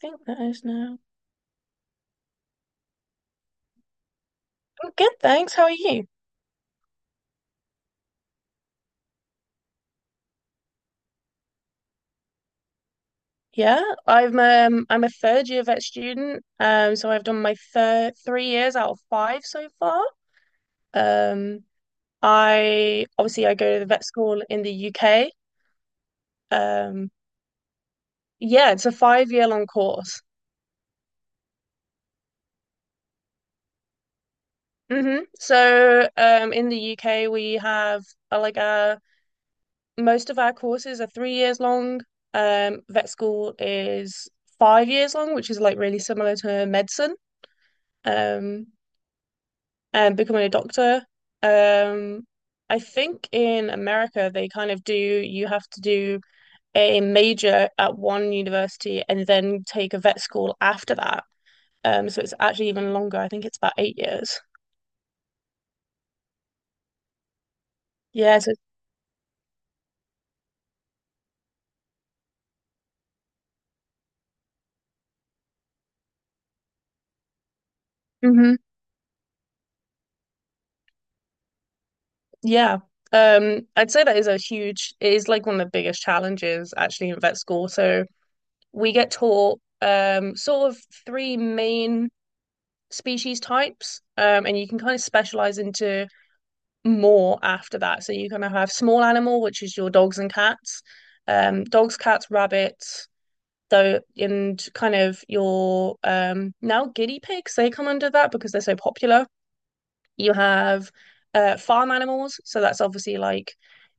Think that is now. I'm good, thanks. How are you? Yeah, I'm I'm a third year vet student. So I've done my third 3 years out of five so far. Um, I obviously I go to the vet school in the UK. Um, yeah, it's a 5 year long course. Mm-hmm. So in the UK we have uh, like uh most of our courses are 3 years long. Vet school is 5 years long, which is like really similar to medicine. Um, Becoming a doctor. Um, I think in America they kind of do, you have to do a major at one university and then take a vet school after that. So it's actually even longer. I think it's about 8 years. Yeah, so hmm yeah. I'd say that is a huge, it is like one of the biggest challenges actually in vet school. So we get taught sort of three main species types, and you can kind of specialize into more after that. So you're going to have small animal, which is your dogs and cats, dogs, cats, rabbits, though, and kind of your now guinea pigs. They come under that because they're so popular. You have farm animals, so that's obviously like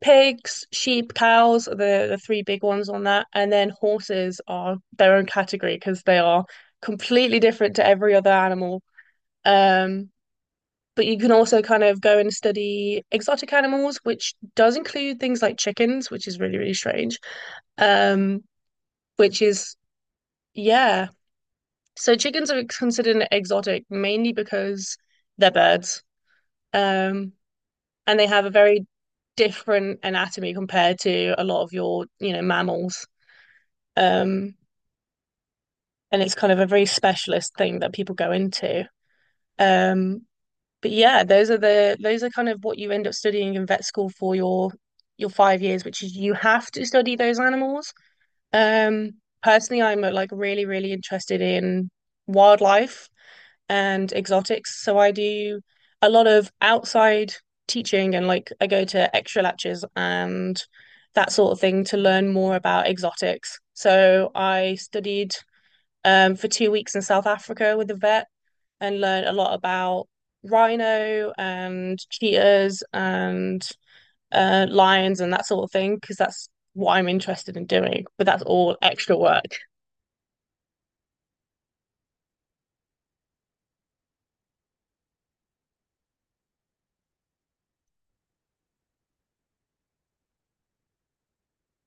pigs, sheep, cows are the three big ones on that, and then horses are their own category because they are completely different to every other animal. Um, but you can also kind of go and study exotic animals, which does include things like chickens, which is really, really strange. Um, which is, yeah. So chickens are considered exotic mainly because they're birds. Um, and they have a very different anatomy compared to a lot of your mammals. Um, and it's kind of a very specialist thing that people go into. Um, But yeah, those are kind of what you end up studying in vet school for your 5 years, which is you have to study those animals. Um, Personally, I'm like really, really interested in wildlife and exotics, so I do a lot of outside teaching and like I go to extra lectures and that sort of thing to learn more about exotics. So I studied for 2 weeks in South Africa with a vet and learn a lot about rhino and cheetahs and lions and that sort of thing because that's what I'm interested in doing. But that's all extra work.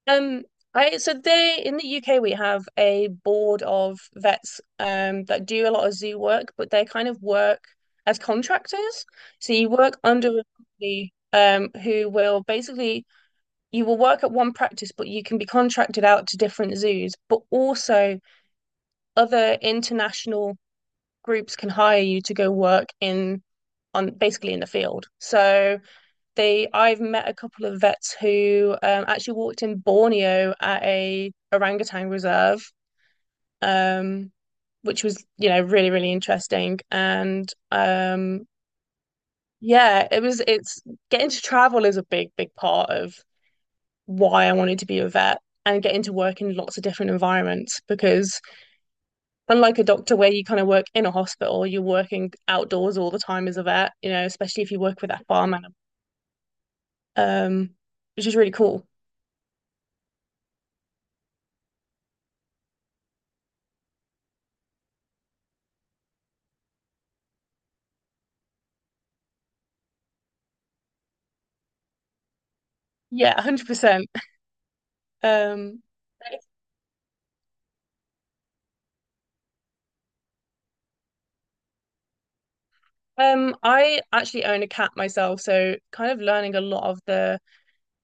Um, I so they in the UK we have a board of vets that do a lot of zoo work, but they kind of work as contractors. So you work under a company who will basically you will work at one practice, but you can be contracted out to different zoos, but also other international groups can hire you to go work in on basically in the field. So they I've met a couple of vets who actually walked in Borneo at a orangutan reserve, um, which was, really, really interesting. And yeah, it was it's getting to travel is a big, big part of why I wanted to be a vet and get into work in lots of different environments because unlike a doctor where you kind of work in a hospital, you're working outdoors all the time as a vet, you know, especially if you work with that farm animal, um which is really cool. Yeah, 100%. um I actually own a cat myself, so kind of learning a lot of the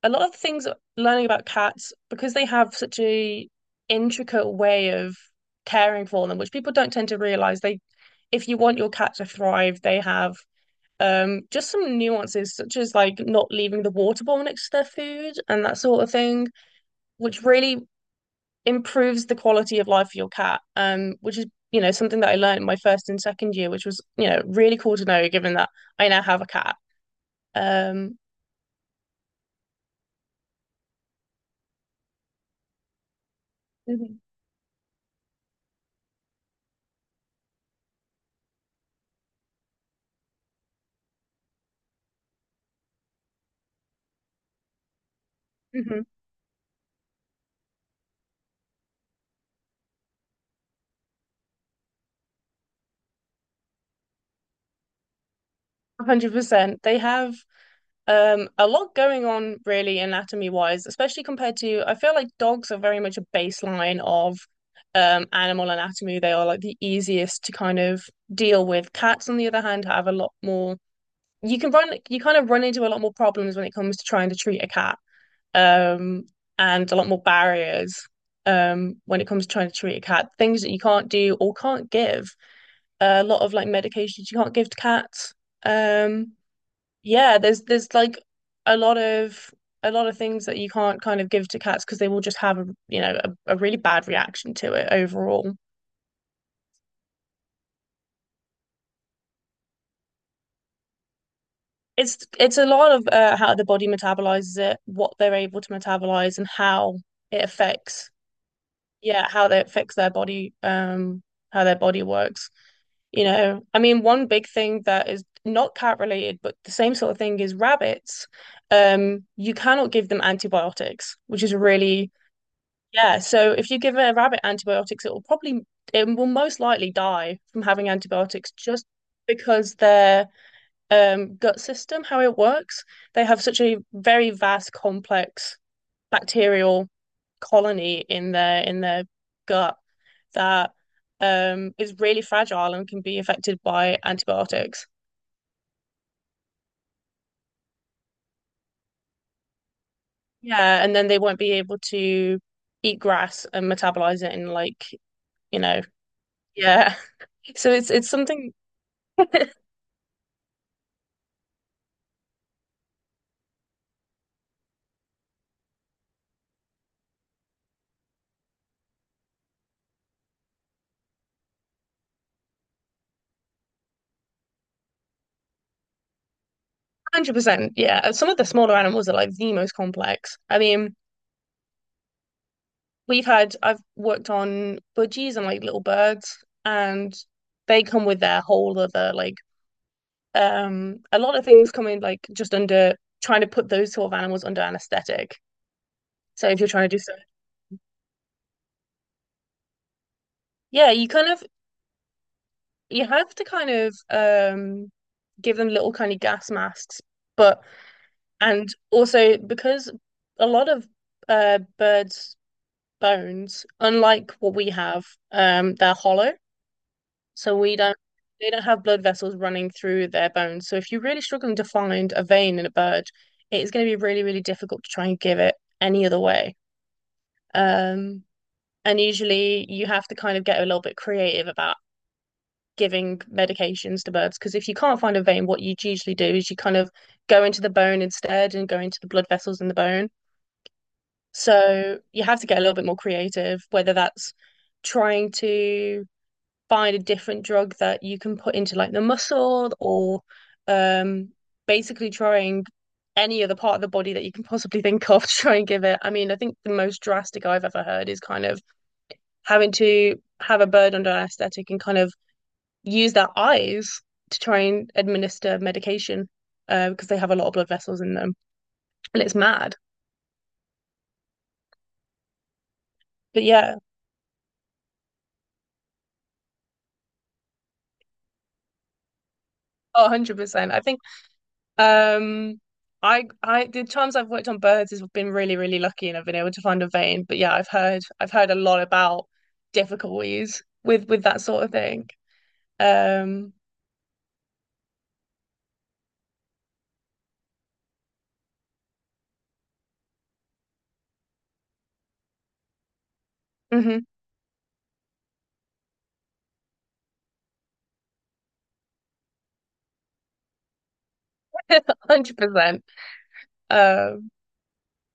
a lot of things, learning about cats because they have such a intricate way of caring for them, which people don't tend to realize. They, if you want your cat to thrive, they have just some nuances such as like not leaving the water bowl next to their food and that sort of thing, which really improves the quality of life for your cat. Which is something that I learned in my first and second year, which was really cool to know given that I now have a cat. Um, Mhm. Mhm. 100%. They have a lot going on really anatomy wise, especially compared to, I feel like dogs are very much a baseline of animal anatomy. They are like the easiest to kind of deal with. Cats, on the other hand, have a lot more, you can run you kind of run into a lot more problems when it comes to trying to treat a cat. Um, and a lot more barriers when it comes to trying to treat a cat. Things that you can't do or can't give, a lot of like medications you can't give to cats. Um yeah, there's like a lot of a lot of things that you can't kind of give to cats because they will just have, a you know, a really bad reaction to it overall. It's a lot of how the body metabolizes it, what they're able to metabolize, and how it affects, yeah, how they affects their body, how their body works. You know, I mean, one big thing that is not cat related, but the same sort of thing is rabbits. You cannot give them antibiotics, which is really. Yeah, so if you give a rabbit antibiotics, it will most likely die from having antibiotics just because their gut system, how it works, they have such a very vast, complex bacterial colony in their gut that is really fragile and can be affected by antibiotics. Yeah, and then they won't be able to eat grass and metabolize it in like, you know, yeah. So it's something. 100%. Yeah. Some of the smaller animals are like the most complex. I mean, I've worked on budgies and like little birds, and they come with their whole other, like, a lot of things come in like just under trying to put those sort of animals under anesthetic. So if you're trying to do so, yeah, you have to kind of, give them little kind of gas masks, but, and also because a lot of, birds bones, unlike what we have, they're hollow. So we don't they don't have blood vessels running through their bones. So if you're really struggling to find a vein in a bird, it is going to be really, really difficult to try and give it any other way. Um, and usually you have to kind of get a little bit creative about giving medications to birds because if you can't find a vein, what you usually do is you kind of go into the bone instead and go into the blood vessels in the bone. So you have to get a little bit more creative, whether that's trying to find a different drug that you can put into like the muscle or um basically trying any other part of the body that you can possibly think of to try and give it. I mean, I think the most drastic I've ever heard is kind of having to have a bird under anesthetic and kind of use their eyes to try and administer medication because they have a lot of blood vessels in them and it's mad. But yeah, 100%. I think. Um, I The times I've worked on birds has been really, really lucky and I've been able to find a vein. But yeah, I've heard a lot about difficulties with that sort of thing. Um, hmm 100%. Um,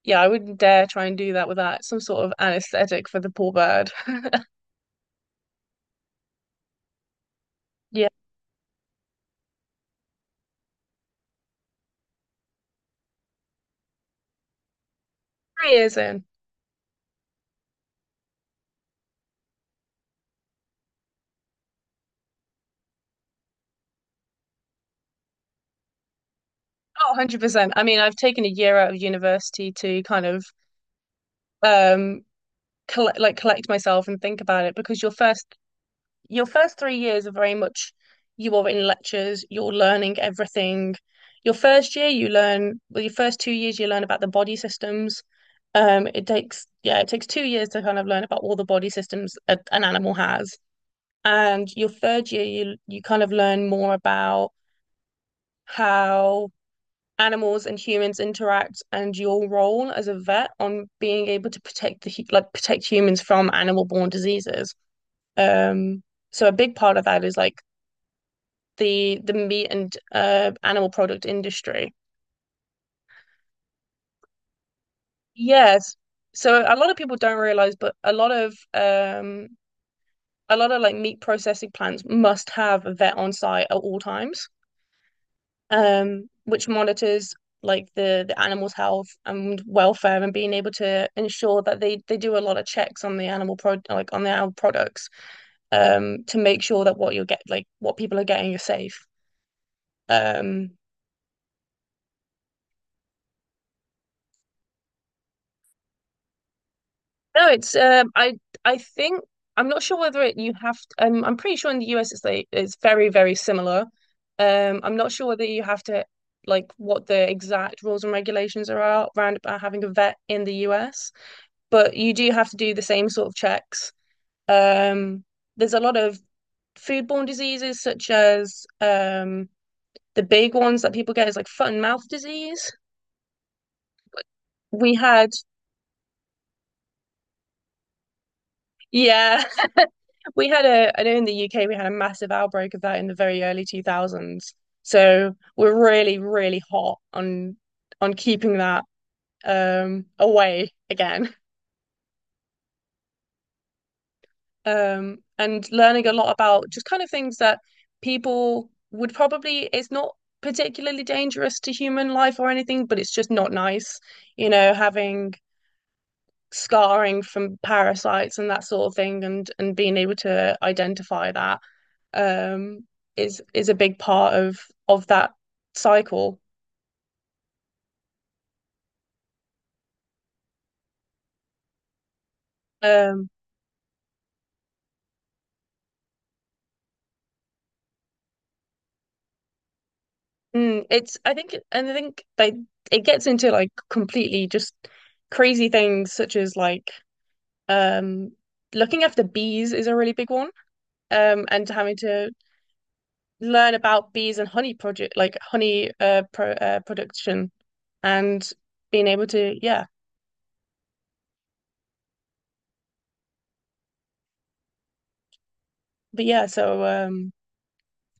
yeah, I wouldn't dare try and do that without some sort of anesthetic for the poor bird. Yeah, 3 years in. Oh, 100%. I mean, I've taken a year out of university to kind of um collect collect myself and think about it because your first 3 years are very much you are in lectures, you're learning everything. Your first year, you learn, well, your first 2 years, you learn about the body systems. It takes, yeah, it takes 2 years to kind of learn about all the body systems an animal has. And your third year, you kind of learn more about how animals and humans interact and your role as a vet on being able to protect the like protect humans from animal-borne diseases. Um, so a big part of that is like the meat and animal product industry. Yes. So a lot of people don't realize, but a lot of like meat processing plants must have a vet on site at all times, which monitors like the animal's health and welfare and being able to ensure that they do a lot of checks on the animal products to make sure that what you'll get like what people are getting you're safe. Um, No, it's I think I'm not sure whether it you have to, I'm pretty sure in the US it's very very similar. I'm not sure whether you have to like what the exact rules and regulations are out around about having a vet in the US, but you do have to do the same sort of checks. Um, there's a lot of foodborne diseases such as the big ones that people get is like foot and mouth disease. We had, yeah. We had a, I know in the UK we had a massive outbreak of that in the very early 2000s. So we're really, really hot on keeping that away again. And learning a lot about just kind of things that people would probably, it's not particularly dangerous to human life or anything, but it's just not nice, you know, having scarring from parasites and that sort of thing, and being able to identify that um is a big part of that cycle. Um, it's, I think, and I think they, it gets into like completely just crazy things such as like um looking after bees is a really big one. And having to learn about bees and honey project like honey production and being able to yeah. But yeah, so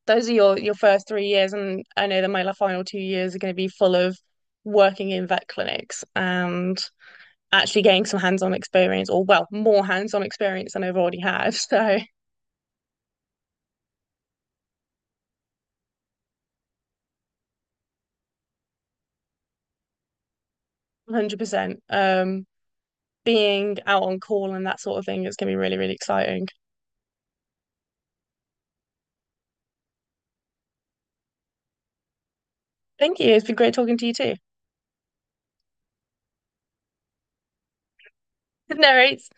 those are your first 3 years, and I know that my final 2 years are going to be full of working in vet clinics and actually getting some hands-on experience, or well, more hands-on experience than I've already had. So, 100%. Being out on call and that sort of thing, it's going to be really, really exciting. Thank you. It's been great talking to you too. No worries.